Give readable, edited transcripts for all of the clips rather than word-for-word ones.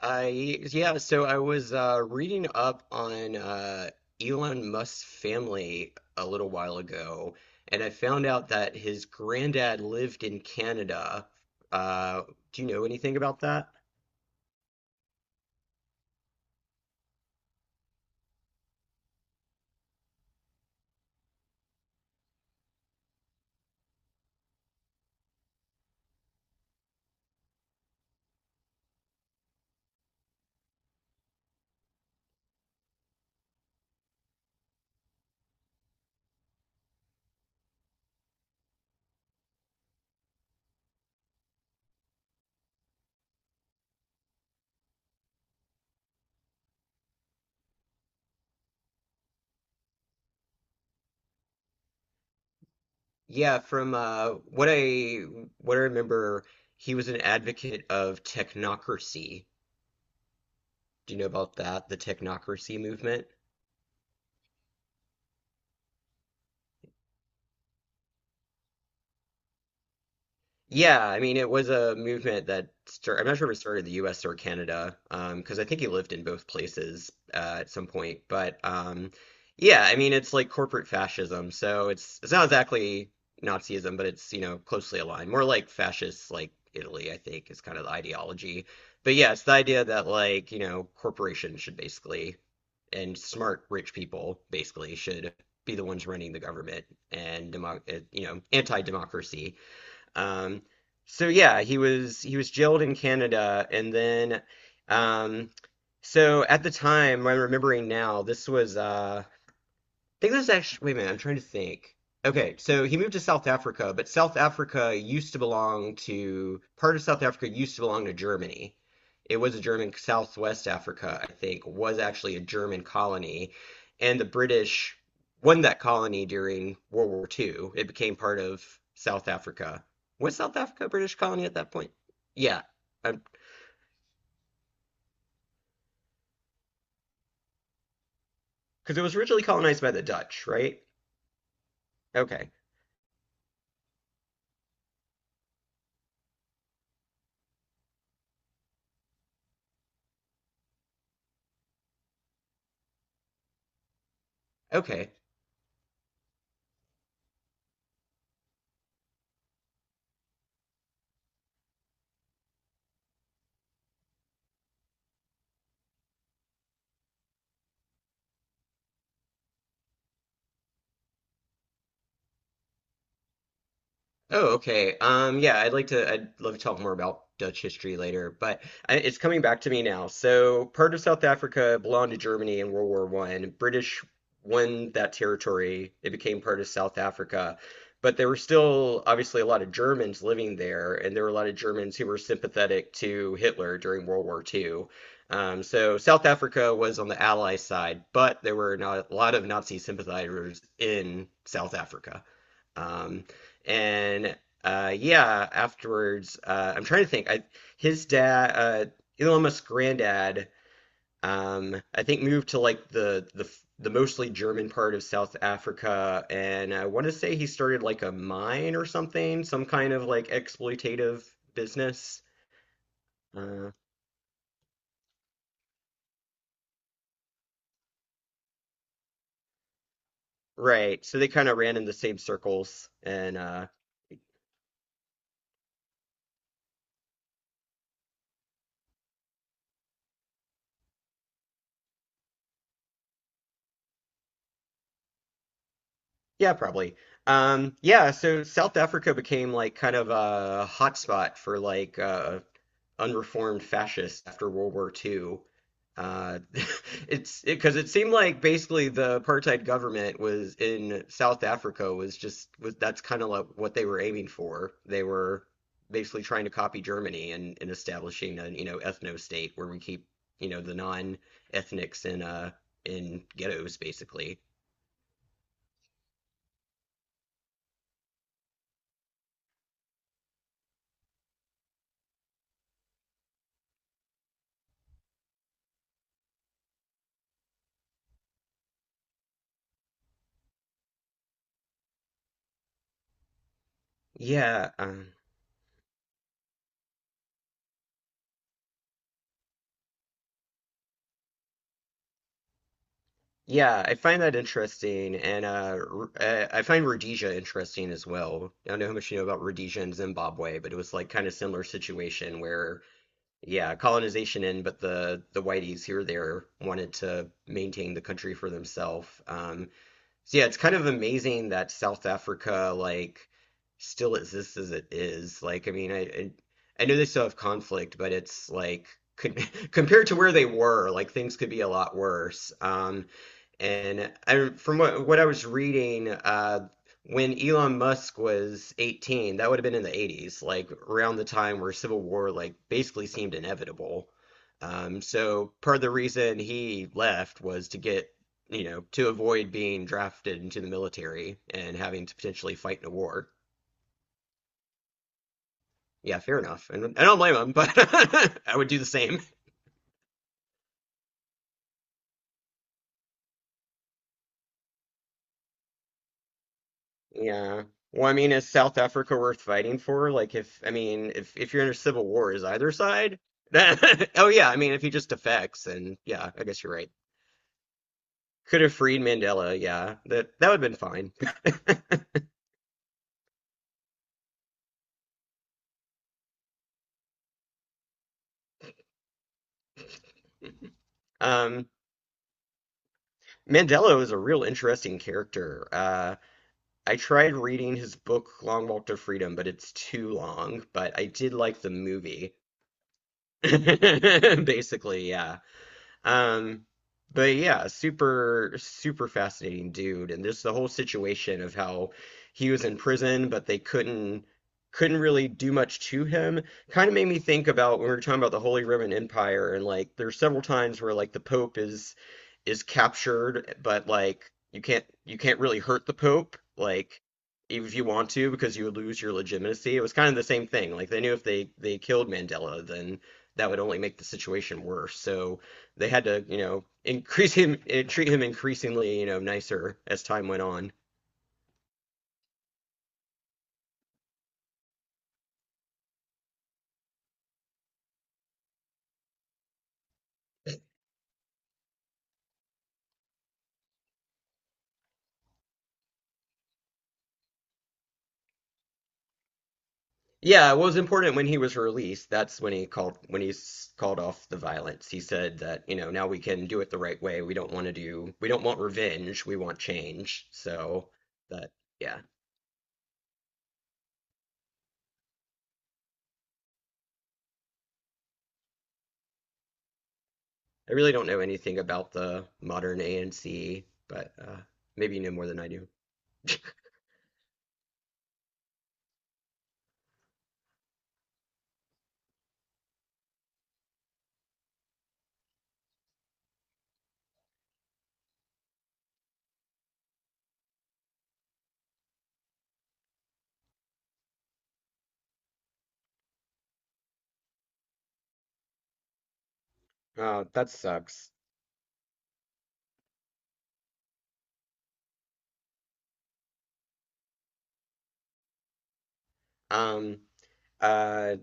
I Yeah, so I was reading up on Elon Musk's family a little while ago, and I found out that his granddad lived in Canada. Uh, do you know anything about that? Yeah, from what I remember, he was an advocate of technocracy. Do you know about that? The technocracy movement? Yeah, I mean, it was a movement that started. I'm not sure if it started in the US or Canada, 'cause because I think he lived in both places at some point. But yeah, I mean, it's like corporate fascism. So it's not exactly Nazism, but it's, closely aligned. More like fascist, like Italy, I think, is kind of the ideology. But yeah, it's the idea that, corporations should basically, and smart, rich people basically should be the ones running the government and, demo anti-democracy. Um, so yeah, he was jailed in Canada, and then um, so at the time, what I'm remembering now, this was think there's actually, wait a minute, I'm trying to think. Okay, so he moved to South Africa, but South Africa used to belong to, part of South Africa used to belong to Germany. It was a German, Southwest Africa, I think, was actually a German colony. And the British won that colony during World War Two. It became part of South Africa. Was South Africa a British colony at that point? Yeah, because it was originally colonized by the Dutch, right? Okay, okay. Oh, okay. Yeah, I'd love to talk more about Dutch history later, but it's coming back to me now. So, part of South Africa belonged to Germany in World War One. British won that territory. It became part of South Africa, but there were still obviously a lot of Germans living there, and there were a lot of Germans who were sympathetic to Hitler during World War Two. So, South Africa was on the Allied side, but there were not a lot of Nazi sympathizers in South Africa. Um, and yeah, afterwards, I'm trying to think. I his dad, Elon Musk's granddad, I think moved to like the mostly German part of South Africa, and I want to say he started like a mine or something, some kind of like exploitative business. Uh, right. So they kind of ran in the same circles, and yeah, probably. Yeah, so South Africa became like kind of a hotspot for like unreformed fascists after World War Two. Uh, it's because it seemed like basically the apartheid government was in South Africa, was just was, that's kind of like what they were aiming for. They were basically trying to copy Germany and establishing an ethno state where we keep the non-ethnics in ghettos basically. Yeah, um, Yeah, I find that interesting, and I find Rhodesia interesting as well. I don't know how much you know about Rhodesia and Zimbabwe, but it was like kind of similar situation where, yeah, colonization in, but the whiteys here or there wanted to maintain the country for themselves. So yeah, it's kind of amazing that South Africa like still exists as it is. Like, I mean, I know they still have conflict, but it's like. con- Compared to where they were, like things could be a lot worse. And from what I was reading, when Elon Musk was 18, that would have been in the 80s, like around the time where civil war like basically seemed inevitable. So part of the reason he left was to get, you know, to avoid being drafted into the military and having to potentially fight in a war. Yeah, fair enough. And I don't blame him, but I would do the same. Yeah. Well, I mean, is South Africa worth fighting for? Like, if I mean, if you're in a civil war, is either side? Oh yeah, I mean, if he just defects, then yeah, I guess you're right. Could have freed Mandela. Yeah, that would have been fine. Um, Mandela was a real interesting character. I tried reading his book Long Walk to Freedom, but it's too long. But I did like the movie. Basically, yeah. Um, but yeah, super, super fascinating dude, and just the whole situation of how he was in prison, but they couldn't really do much to him. Kind of made me think about when we were talking about the Holy Roman Empire, and like there's several times where like the Pope is captured, but like you can't really hurt the Pope, like if you want to, because you would lose your legitimacy. It was kind of the same thing. Like they knew if they killed Mandela, then that would only make the situation worse. So they had to, increase him, eh, treat him increasingly, nicer as time went on. Yeah, it was important when he was released. That's when he called when he called off the violence. He said that, now we can do it the right way. We don't want to do, we don't want revenge. We want change. So that, yeah. I really don't know anything about the modern ANC, but maybe you know more than I do. That sucks. Um uh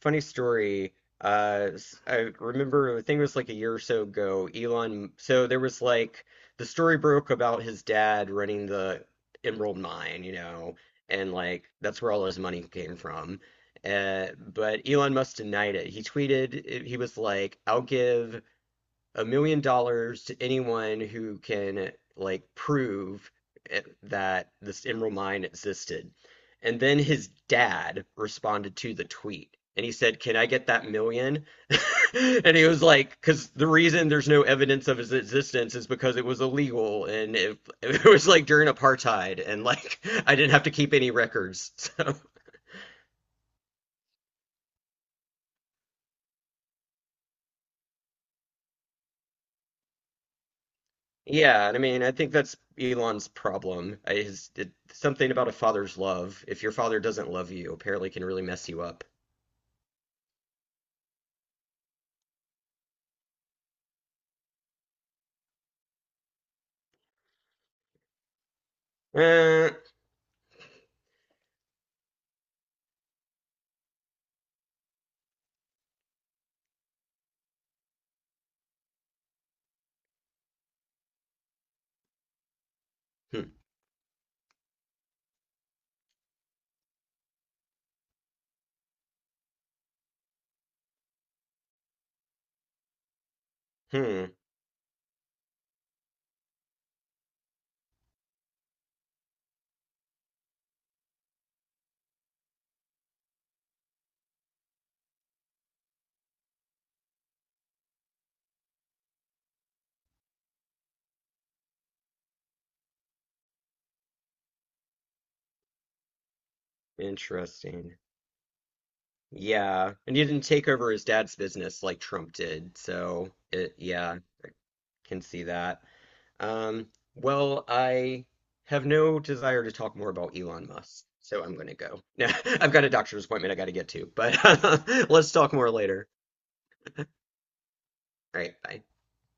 Funny story. I remember, I think it was like a year or so ago, Elon. So there was like the story broke about his dad running the Emerald Mine, and like that's where all his money came from. But Elon Musk denied it. He tweeted, he was like, I'll give $1 million to anyone who can like prove that this emerald mine existed. And then his dad responded to the tweet and he said, "Can I get that million?" And he was like, because the reason there's no evidence of his existence is because it was illegal and it was like during apartheid and like I didn't have to keep any records. So yeah, and I mean, I think that's Elon's problem. His something about a father's love. If your father doesn't love you, apparently can really mess you up. Uh, hmm, hmm, interesting. Yeah, and he didn't take over his dad's business like Trump did, so yeah, I can see that. Um, well, I have no desire to talk more about Elon Musk, so I'm gonna go. I've got a doctor's appointment I gotta get to, but let's talk more later. All right, bye.